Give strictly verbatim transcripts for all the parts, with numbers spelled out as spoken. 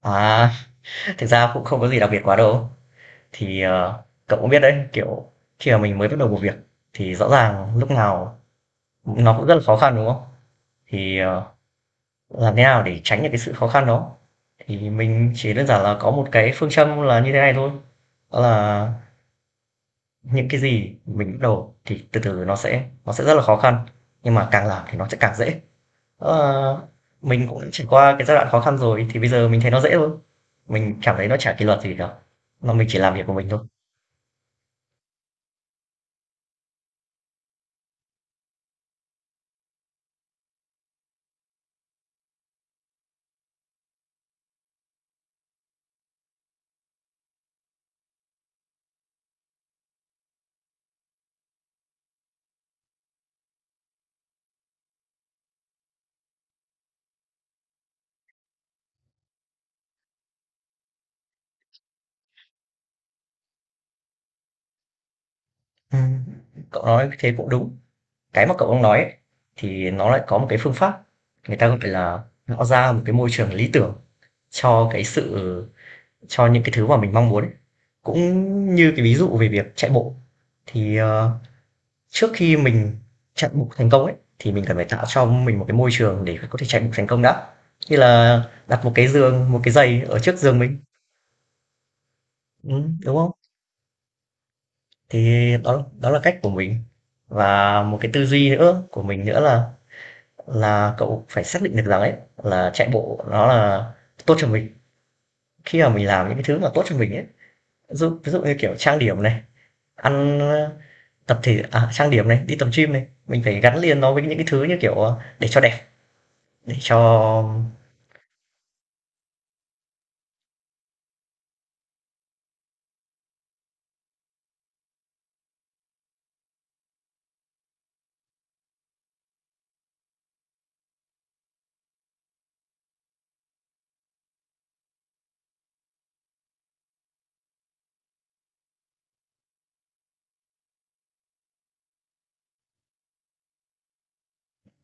À, thực ra cũng không có gì đặc biệt quá đâu. Thì, ờ, cậu cũng biết đấy, kiểu, khi mà mình mới bắt đầu một việc thì rõ ràng lúc nào nó cũng rất là khó khăn, đúng không? Thì, ờ, làm thế nào để tránh được cái sự khó khăn đó? Thì mình chỉ đơn giản là có một cái phương châm là như thế này thôi, đó là những cái gì mình bắt đầu thì từ từ nó sẽ nó sẽ rất là khó khăn, nhưng mà càng làm thì nó sẽ càng dễ. Đó là mình cũng đã trải qua cái giai đoạn khó khăn rồi thì bây giờ mình thấy nó dễ thôi, mình cảm thấy nó chả kỷ luật gì cả, mà mình chỉ làm việc của mình thôi. Ừm, cậu nói thế cũng đúng. Cái mà cậu đang nói ấy, thì nó lại có một cái phương pháp, người ta gọi là tạo ra một cái môi trường lý tưởng cho cái sự cho những cái thứ mà mình mong muốn. ấy. Cũng như cái ví dụ về việc chạy bộ, thì, ờ, trước khi mình chạy bộ thành công ấy, thì mình cần phải tạo cho mình một cái môi trường để có thể chạy bộ thành công đã. Như là đặt một cái giường, một cái giày ở trước giường mình, ừm, đúng không? Thì đó đó là cách của mình. Và một cái tư duy nữa của mình nữa là là cậu phải xác định được rằng ấy là chạy bộ nó là tốt cho mình khi mà mình làm những cái thứ mà tốt cho mình ấy, ví dụ, ví dụ như kiểu trang điểm này, ăn ờ, tập thể à, trang điểm này, đi tập gym này, mình phải gắn liền nó với những cái thứ như kiểu ờ, để cho đẹp, để cho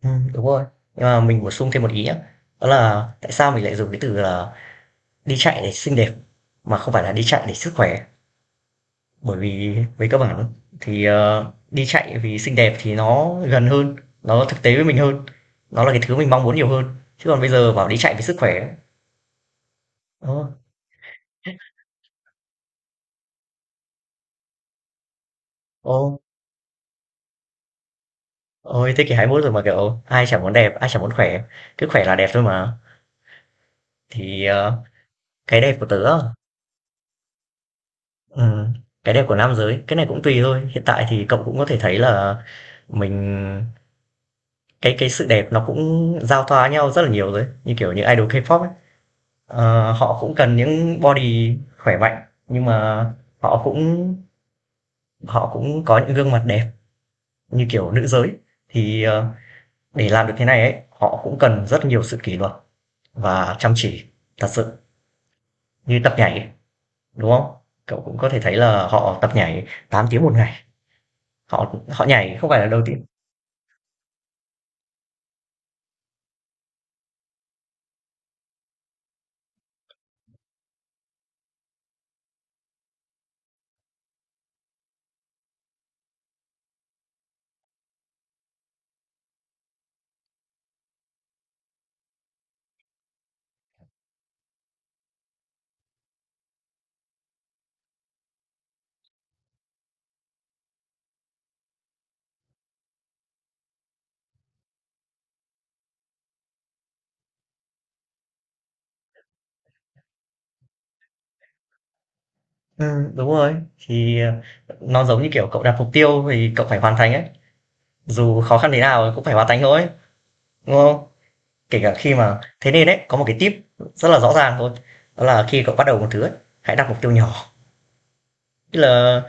ừ, đúng rồi, nhưng mà mình bổ sung thêm một ý nhé, đó là tại sao mình lại dùng cái từ là đi chạy để xinh đẹp mà không phải là đi chạy để sức khỏe. Bởi vì về cơ bản thì, ờ, đi chạy vì xinh đẹp thì nó gần hơn, nó thực tế với mình hơn, nó là cái thứ mình mong muốn nhiều hơn. Chứ còn bây giờ bảo đi chạy vì sức khỏe ô ô, ôi thế kỷ hai mươi mốt rồi mà, kiểu, ai chẳng muốn đẹp, ai chẳng muốn khỏe, cứ khỏe là đẹp thôi mà. Thì, ờ, cái đẹp của tớ á, ừm, cái đẹp của nam giới, cái này cũng tùy thôi. Hiện tại thì cậu cũng có thể thấy là mình cái cái sự đẹp nó cũng giao thoa nhau rất là nhiều rồi như kiểu những idol K-pop ấy. Ờ, họ cũng cần những body khỏe mạnh, nhưng mà họ cũng họ cũng có những gương mặt đẹp như kiểu nữ giới. Thì, ờ, để làm được thế này ấy, họ cũng cần rất nhiều sự kỷ luật và chăm chỉ thật sự, như tập nhảy ấy, đúng không? Cậu cũng có thể thấy là họ tập nhảy tám tiếng một ngày, họ họ nhảy không phải là đầu tiên. Ừm, đúng rồi, thì, ờ, nó giống như kiểu cậu đặt mục tiêu thì cậu phải hoàn thành ấy, dù khó khăn thế nào cũng phải hoàn thành thôi, đúng không? Kể cả khi mà thế nên đấy có một cái tip rất là rõ ràng thôi, đó là khi cậu bắt đầu một thứ ấy, hãy đặt mục tiêu nhỏ. như là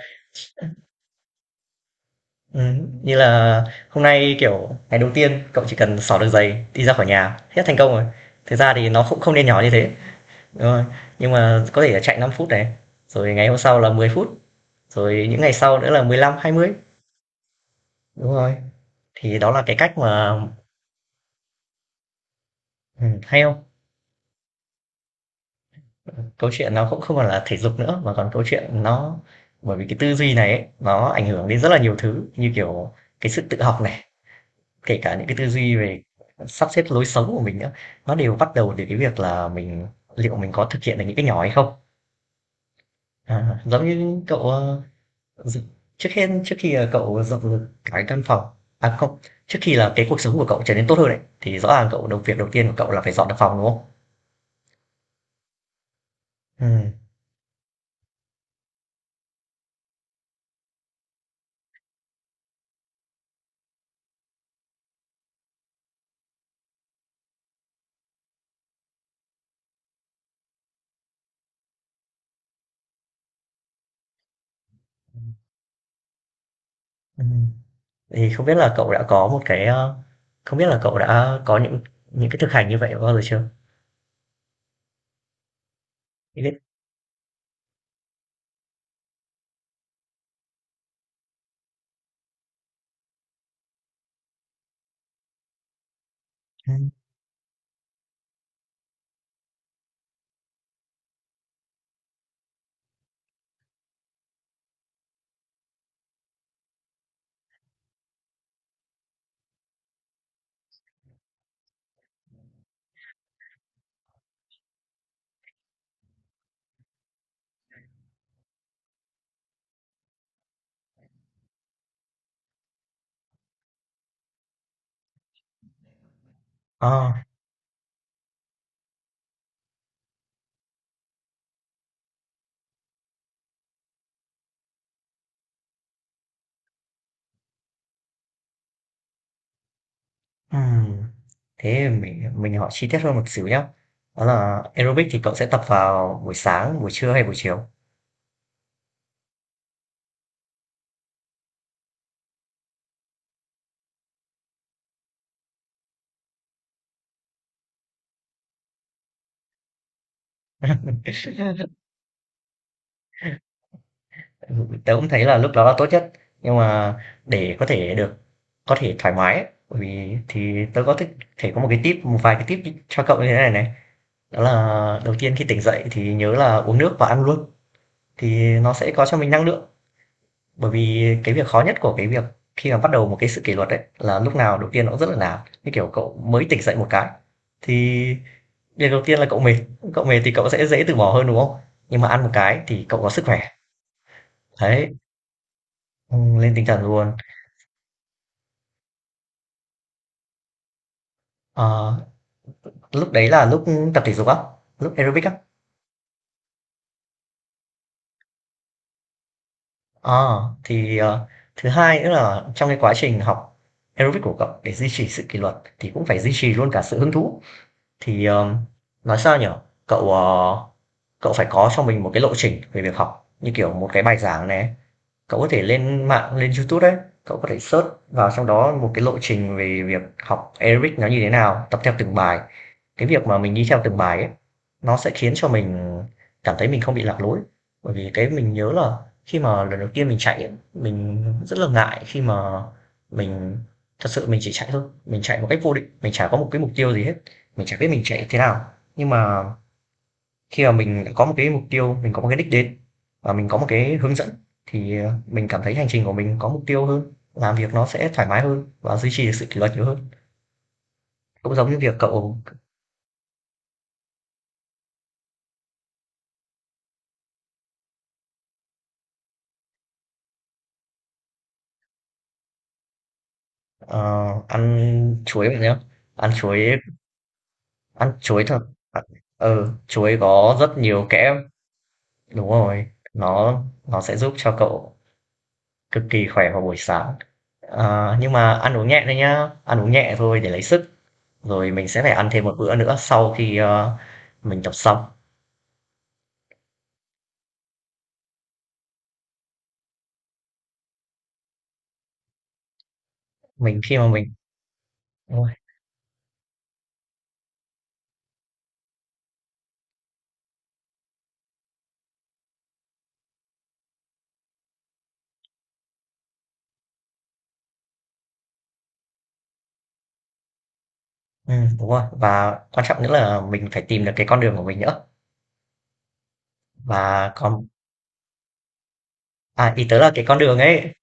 ừ, như là hôm nay, kiểu, ngày đầu tiên cậu chỉ cần xỏ được giày, đi ra khỏi nhà, hết thành công rồi. Thực ra thì nó cũng không nên nhỏ như thế, đúng rồi, nhưng mà có thể là chạy năm phút này, rồi ngày hôm sau là mười phút, rồi những ngày sau nữa là mười lăm hai mươi. Đúng rồi, thì đó là cái cách mà ừ, hay không, câu chuyện nó cũng không còn là thể dục nữa mà còn câu chuyện nó, bởi vì cái tư duy này ấy, nó ảnh hưởng đến rất là nhiều thứ như kiểu cái sự tự học này, kể cả những cái tư duy về sắp xếp lối sống của mình nữa, nó đều bắt đầu từ cái việc là mình liệu mình có thực hiện được những cái nhỏ hay không. À, giống như cậu ờ, dự- trước hết trước khi là cậu dọn được cái căn phòng, à không, trước khi là cái cuộc sống của cậu trở nên tốt hơn đấy thì rõ ràng cậu đầu việc đầu tiên của cậu là phải dọn được phòng, đúng không? Ừ. Ừ. Thì không biết là cậu đã có một cái, ơ không biết là cậu đã có những những cái thực hành như vậy bao giờ chưa? Thì biết ừm, ờ, ừm, thế mình mình hỏi chi tiết hơn một xíu nhá. Đó là aerobic thì cậu sẽ tập vào buổi sáng, buổi trưa hay buổi chiều? Tớ cũng thấy là lúc đó là tốt nhất, nhưng mà để có thể được có thể thoải mái ấy, bởi vì thì tớ có thích thể có một cái tip, một vài cái tip cho cậu như thế này này. Đó là đầu tiên khi tỉnh dậy thì nhớ là uống nước và ăn luôn, thì nó sẽ có cho mình năng lượng. Bởi vì cái việc khó nhất của cái việc khi mà bắt đầu một cái sự kỷ luật ấy, là lúc nào đầu tiên nó cũng rất là nản. Như kiểu cậu mới tỉnh dậy một cái, thì điều đầu tiên là cậu mệt, cậu mệt thì cậu sẽ dễ từ bỏ hơn, đúng không? Nhưng mà ăn một cái thì cậu có sức khỏe, đấy, ừm, lên tinh thần luôn. Ờ, lúc đấy là lúc tập thể dục á, lúc aerobic á. Ờ, thì, ờ, thứ hai nữa là trong cái quá trình học aerobic của cậu để duy trì sự kỷ luật thì cũng phải duy trì luôn cả sự hứng thú. Thì, ờm, nói sao nhở. Cậu, ờ cậu phải có cho mình một cái lộ trình về việc học như kiểu một cái bài giảng này, cậu có thể lên mạng lên YouTube đấy, cậu có thể search vào trong đó một cái lộ trình về việc học Eric nó như thế nào, tập theo từng bài, cái việc mà mình đi theo từng bài ấy nó sẽ khiến cho mình cảm thấy mình không bị lạc lối, bởi vì cái mình nhớ là khi mà lần đầu tiên mình chạy ấy, mình rất là ngại khi mà mình thật sự mình chỉ chạy thôi, mình chạy một cách vô định, mình chả có một cái mục tiêu gì hết, mình chả biết mình chạy thế nào, nhưng mà khi mà mình đã có một cái mục tiêu, mình có một cái đích đến và mình có một cái hướng dẫn thì ờ, mình cảm thấy hành trình của mình có mục tiêu hơn, làm việc nó sẽ thoải mái hơn và duy trì được sự kỷ luật nhiều hơn, cũng giống như việc cậu ờ, ăn chuối vậy nhá. Ăn chuối, ăn chuối thật, ừ, chuối có rất nhiều kẽm, đúng rồi, nó nó sẽ giúp cho cậu cực kỳ khỏe vào buổi sáng. Ờ, nhưng mà ăn uống nhẹ thôi nhá, ăn uống nhẹ thôi để lấy sức, rồi mình sẽ phải ăn thêm một bữa nữa sau khi ờ, mình tập xong. Mình khi mà mình đúng rồi, ừ, đúng rồi, và quan trọng nữa là mình phải tìm được cái con đường của mình nữa và còn à, ý tớ là cái con đường ấy,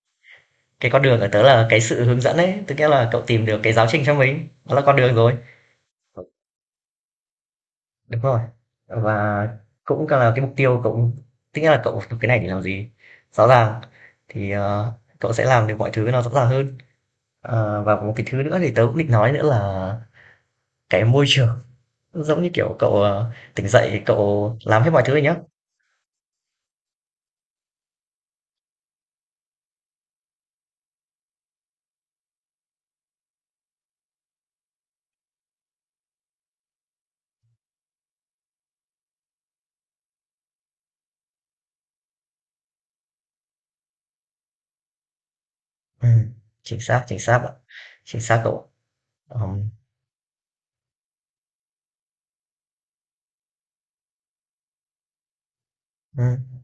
cái con đường ở tớ là cái sự hướng dẫn ấy, tức nghĩa là cậu tìm được cái giáo trình cho mình, đó là con đường rồi, đúng rồi, và cũng là cái mục tiêu cậu, tức nghĩa là cậu học cái này để làm gì rõ ràng, thì ờ, cậu sẽ làm được mọi thứ nó rõ ràng hơn. Ờ, và một cái thứ nữa thì tớ cũng định nói nữa là cái môi trường, giống như kiểu cậu ờ, tỉnh dậy cậu làm hết mọi thứ rồi nhá. Ừm, Chính xác, chính xác ạ. Chính xác cậu. Ừm, ừm,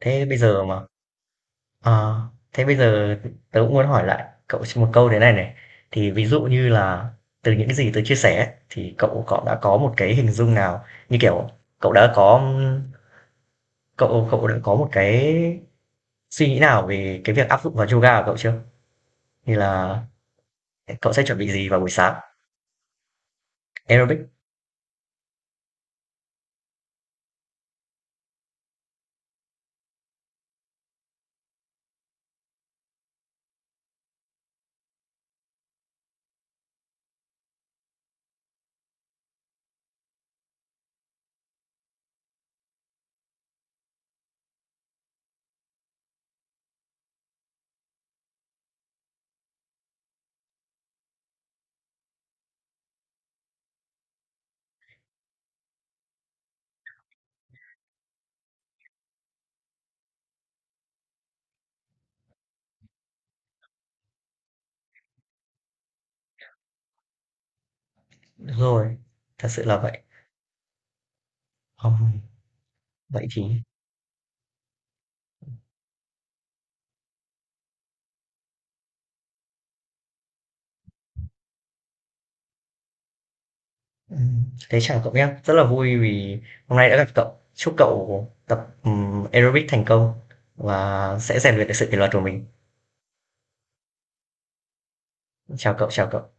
thế bây giờ mà ờ, Thế bây giờ tớ cũng muốn hỏi lại cậu một câu thế này này, thì ví dụ như là từ những cái gì tớ chia sẻ ấy, thì cậu cậu đã có một cái hình dung nào, như kiểu, cậu đã có, cậu cậu đã có một cái suy nghĩ nào về cái việc áp dụng vào yoga của cậu chưa? Như là cậu sẽ chuẩn bị gì vào buổi sáng? Aerobic, đúng rồi, thật sự là vậy. Ừm, vậy thì Ừm, thế chào cậu nhé, rất là vui vì hôm nay đã gặp cậu. Chúc cậu tập ừm, aerobic thành công và sẽ rèn luyện được sự kỷ luật của mình. Chào cậu, chào cậu.